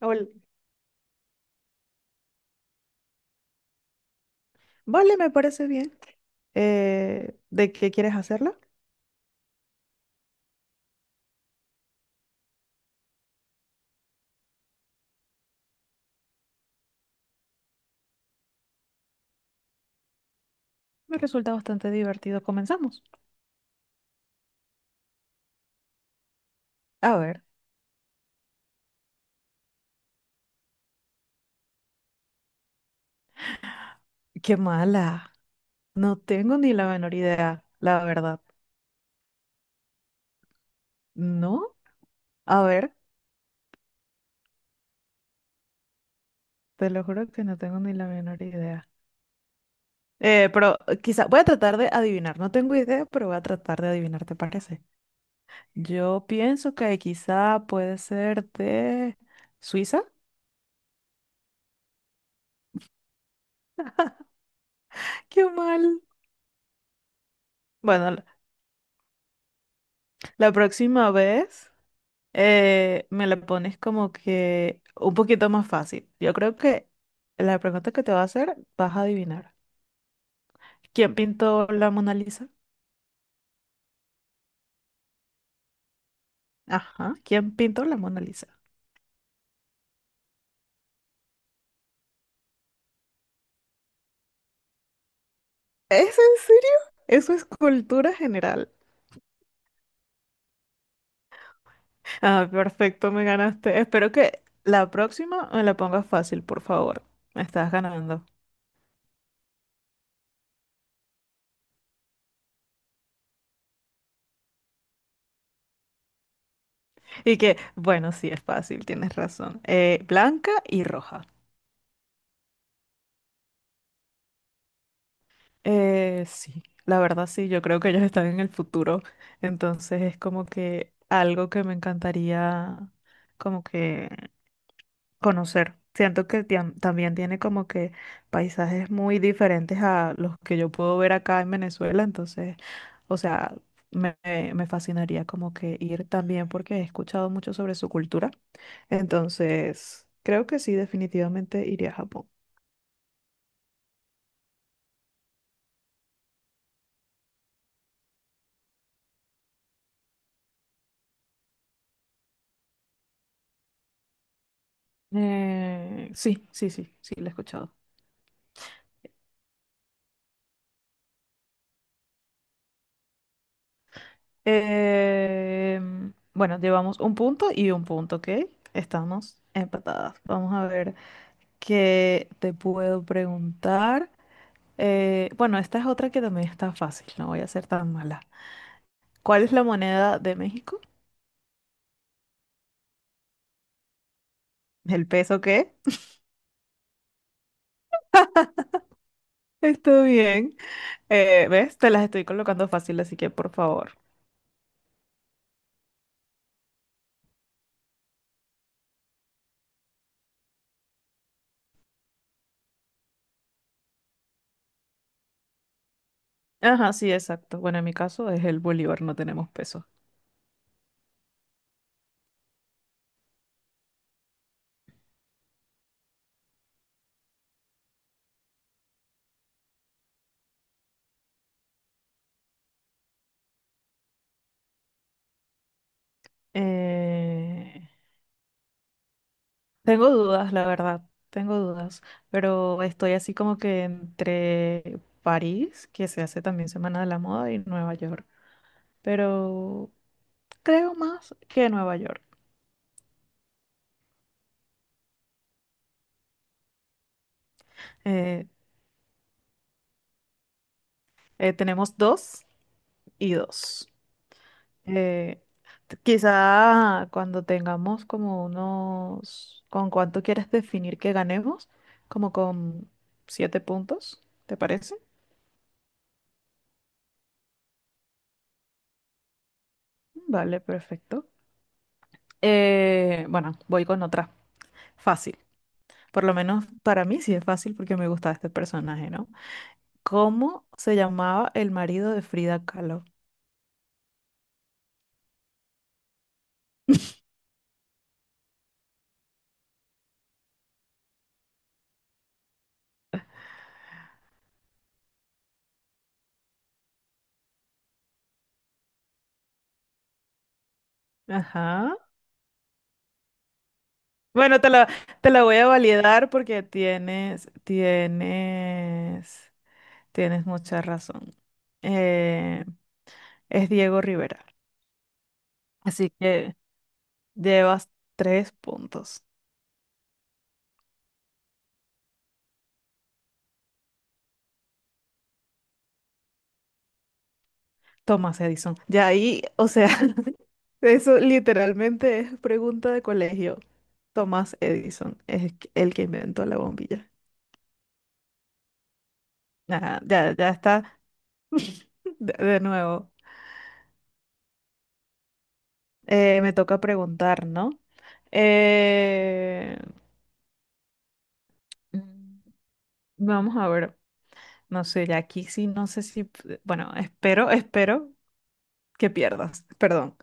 Ol- Vale, me parece bien. ¿De qué quieres hacerla? Me resulta bastante divertido. Comenzamos. A ver, qué mala. No tengo ni la menor idea, la verdad. ¿No? A ver, te lo juro que no tengo ni la menor idea. Pero quizá voy a tratar de adivinar. No tengo idea, pero voy a tratar de adivinar, ¿te parece? Yo pienso que quizá puede ser de Suiza. Qué mal. Bueno, la próxima vez. Me la pones como que un poquito más fácil. Yo creo que la pregunta que te va a hacer vas a adivinar. ¿Quién pintó la Mona Lisa? Ajá, ¿quién pintó la Mona Lisa? ¿Es en serio? Eso es cultura general. Ah, perfecto, me ganaste. Espero que la próxima me la pongas fácil, por favor. Me estás ganando. Y que, bueno, sí, es fácil, tienes razón. Blanca y roja. Sí, la verdad sí, yo creo que ellos están en el futuro, entonces es como que algo que me encantaría como que conocer. Siento que también tiene como que paisajes muy diferentes a los que yo puedo ver acá en Venezuela, entonces, o sea, me fascinaría como que ir también porque he escuchado mucho sobre su cultura, entonces creo que sí, definitivamente iría a Japón. Sí, sí, sí, sí, lo he escuchado. Bueno, llevamos un punto y un punto, ¿ok? Estamos empatadas. Vamos a ver qué te puedo preguntar. Bueno, esta es otra que también está fácil, no voy a ser tan mala. ¿Cuál es la moneda de México? ¿El peso qué? Está bien. ¿Ves? Te las estoy colocando fácil, así que por favor. Ajá, sí, exacto. Bueno, en mi caso es el bolívar, no tenemos peso. Eh, Tengo dudas, la verdad, tengo dudas, pero estoy así como que entre París, que se hace también Semana de la Moda, y Nueva York, pero creo más que Nueva York. Eh, Tenemos dos y dos. Eh, Quizá cuando tengamos como unos, ¿con cuánto quieres definir que ganemos? Como con 7 puntos, ¿te parece? Vale, perfecto. Bueno, voy con otra. Fácil. Por lo menos para mí sí es fácil porque me gustaba este personaje, ¿no? ¿Cómo se llamaba el marido de Frida Kahlo? Ajá. Bueno, te la voy a validar porque tienes mucha razón. Eh, es Diego Rivera. Así que llevas 3 puntos. Tomás Edison. Ya ahí, o sea, eso literalmente es pregunta de colegio. Tomás Edison es el que inventó la bombilla. Ajá, ya, ya está. De nuevo. Me toca preguntar, ¿no? Eh, mm, Vamos a ver. No sé, ya aquí sí, no sé si. p- Bueno, espero que pierdas. Perdón.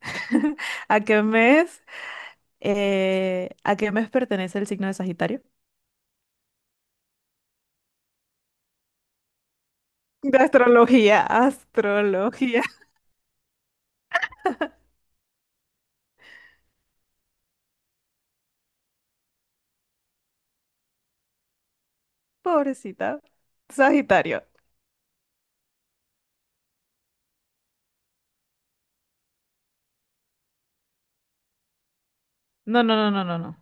¿A qué mes? ¿A qué mes pertenece el signo de Sagitario? De astrología, astrología. Pobrecita. Sagitario. No, no, no, no, no, no.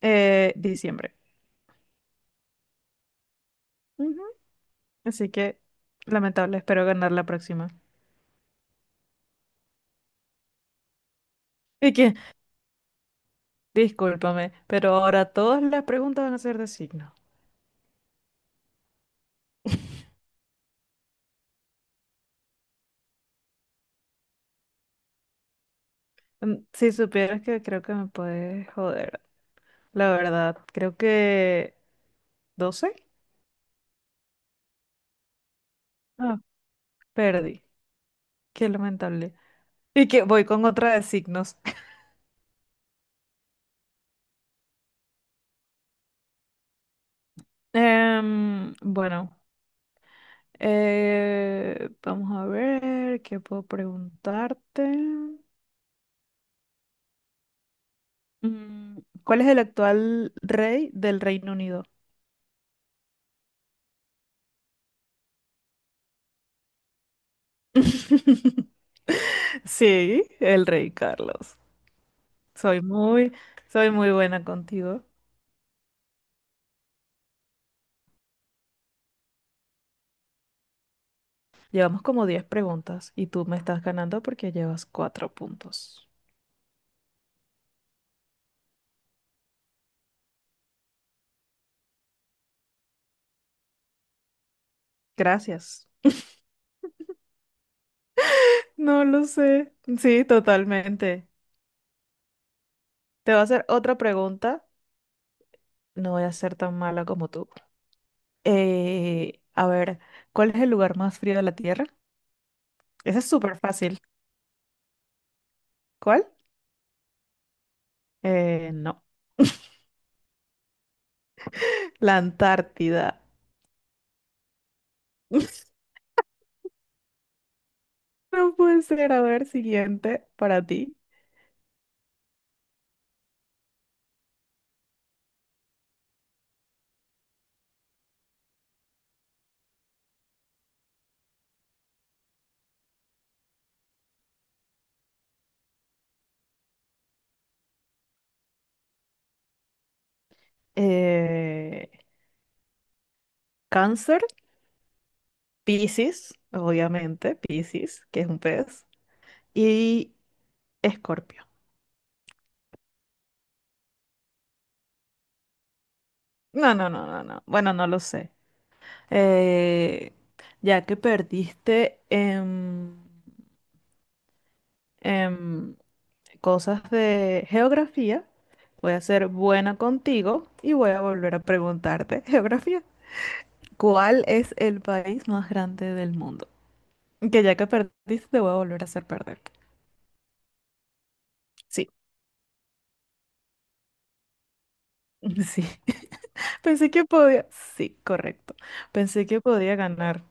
Diciembre. Así que, lamentable, espero ganar la próxima. Y que, discúlpame, pero ahora todas las preguntas van a ser de signo. Si supieras que creo que me puedes joder, la verdad, creo que 12. Ah, perdí. Qué lamentable. Y que voy con otra de signos. Bueno, vamos a ver qué puedo preguntarte. Mm, ¿Cuál es el actual rey del Reino Unido? Sí, el rey Carlos. Soy muy, soy muy buena contigo. Llevamos como 10 preguntas y tú me estás ganando porque llevas 4 puntos. Gracias. No lo sé. Sí, totalmente. Te voy a hacer otra pregunta. No voy a ser tan mala como tú. A ver, ¿cuál es el lugar más frío de la Tierra? Ese es súper fácil. ¿Cuál? No. La Antártida. No puede ser. A ver, siguiente para ti. eh, Cáncer, Piscis, obviamente, Piscis, que es un pez, y Escorpio. No, no, no, no, no. Bueno, no lo sé. Eh, ya que perdiste en cosas de geografía, voy a ser buena contigo y voy a volver a preguntarte geografía. ¿Cuál es el país más grande del mundo? Que ya que perdiste, te voy a volver a hacer perder. Sí, sí. Pensé que podía. Sí, correcto. Pensé que podía ganar.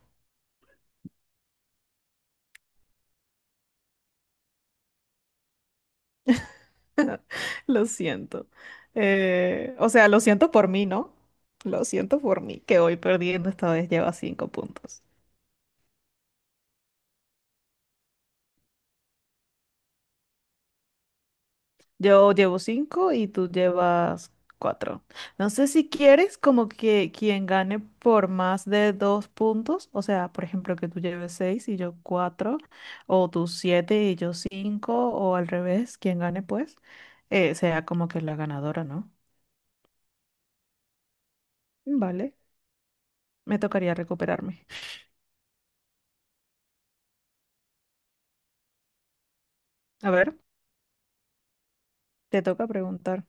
Lo siento. O sea, lo siento por mí, ¿no? Lo siento por mí, que hoy perdiendo esta vez lleva 5 puntos. Yo llevo cinco y tú llevas cuatro. No sé si quieres como que quien gane por más de 2 puntos, o sea, por ejemplo, que tú lleves seis y yo cuatro, o tú siete y yo cinco, o al revés, quien gane pues, sea como que la ganadora, ¿no? Vale. Me tocaría recuperarme. A ver, te toca preguntar.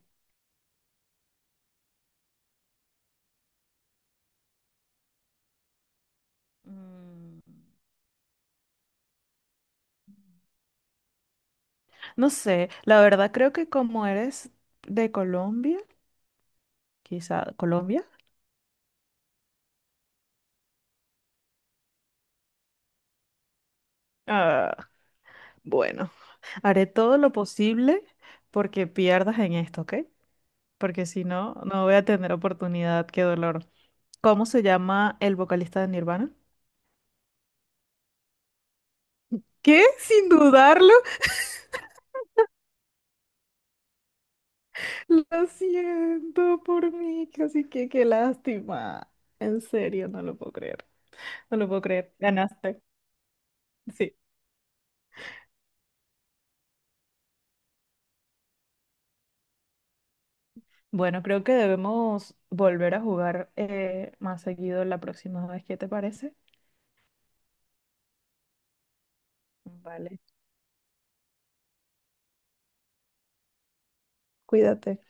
Mm, No sé, la verdad creo que como eres de Colombia, quizá Colombia, ah, bueno, haré todo lo posible porque pierdas en esto, ¿ok? Porque si no, no voy a tener oportunidad, qué dolor. ¿Cómo se llama el vocalista de Nirvana? ¿Qué? Sin dudarlo. Lo siento por mí, casi que qué lástima. En serio, no lo puedo creer. No lo puedo creer. Ganaste. Sí. Bueno, creo que debemos volver a jugar más seguido la próxima vez. ¿Qué te parece? Vale. Cuídate.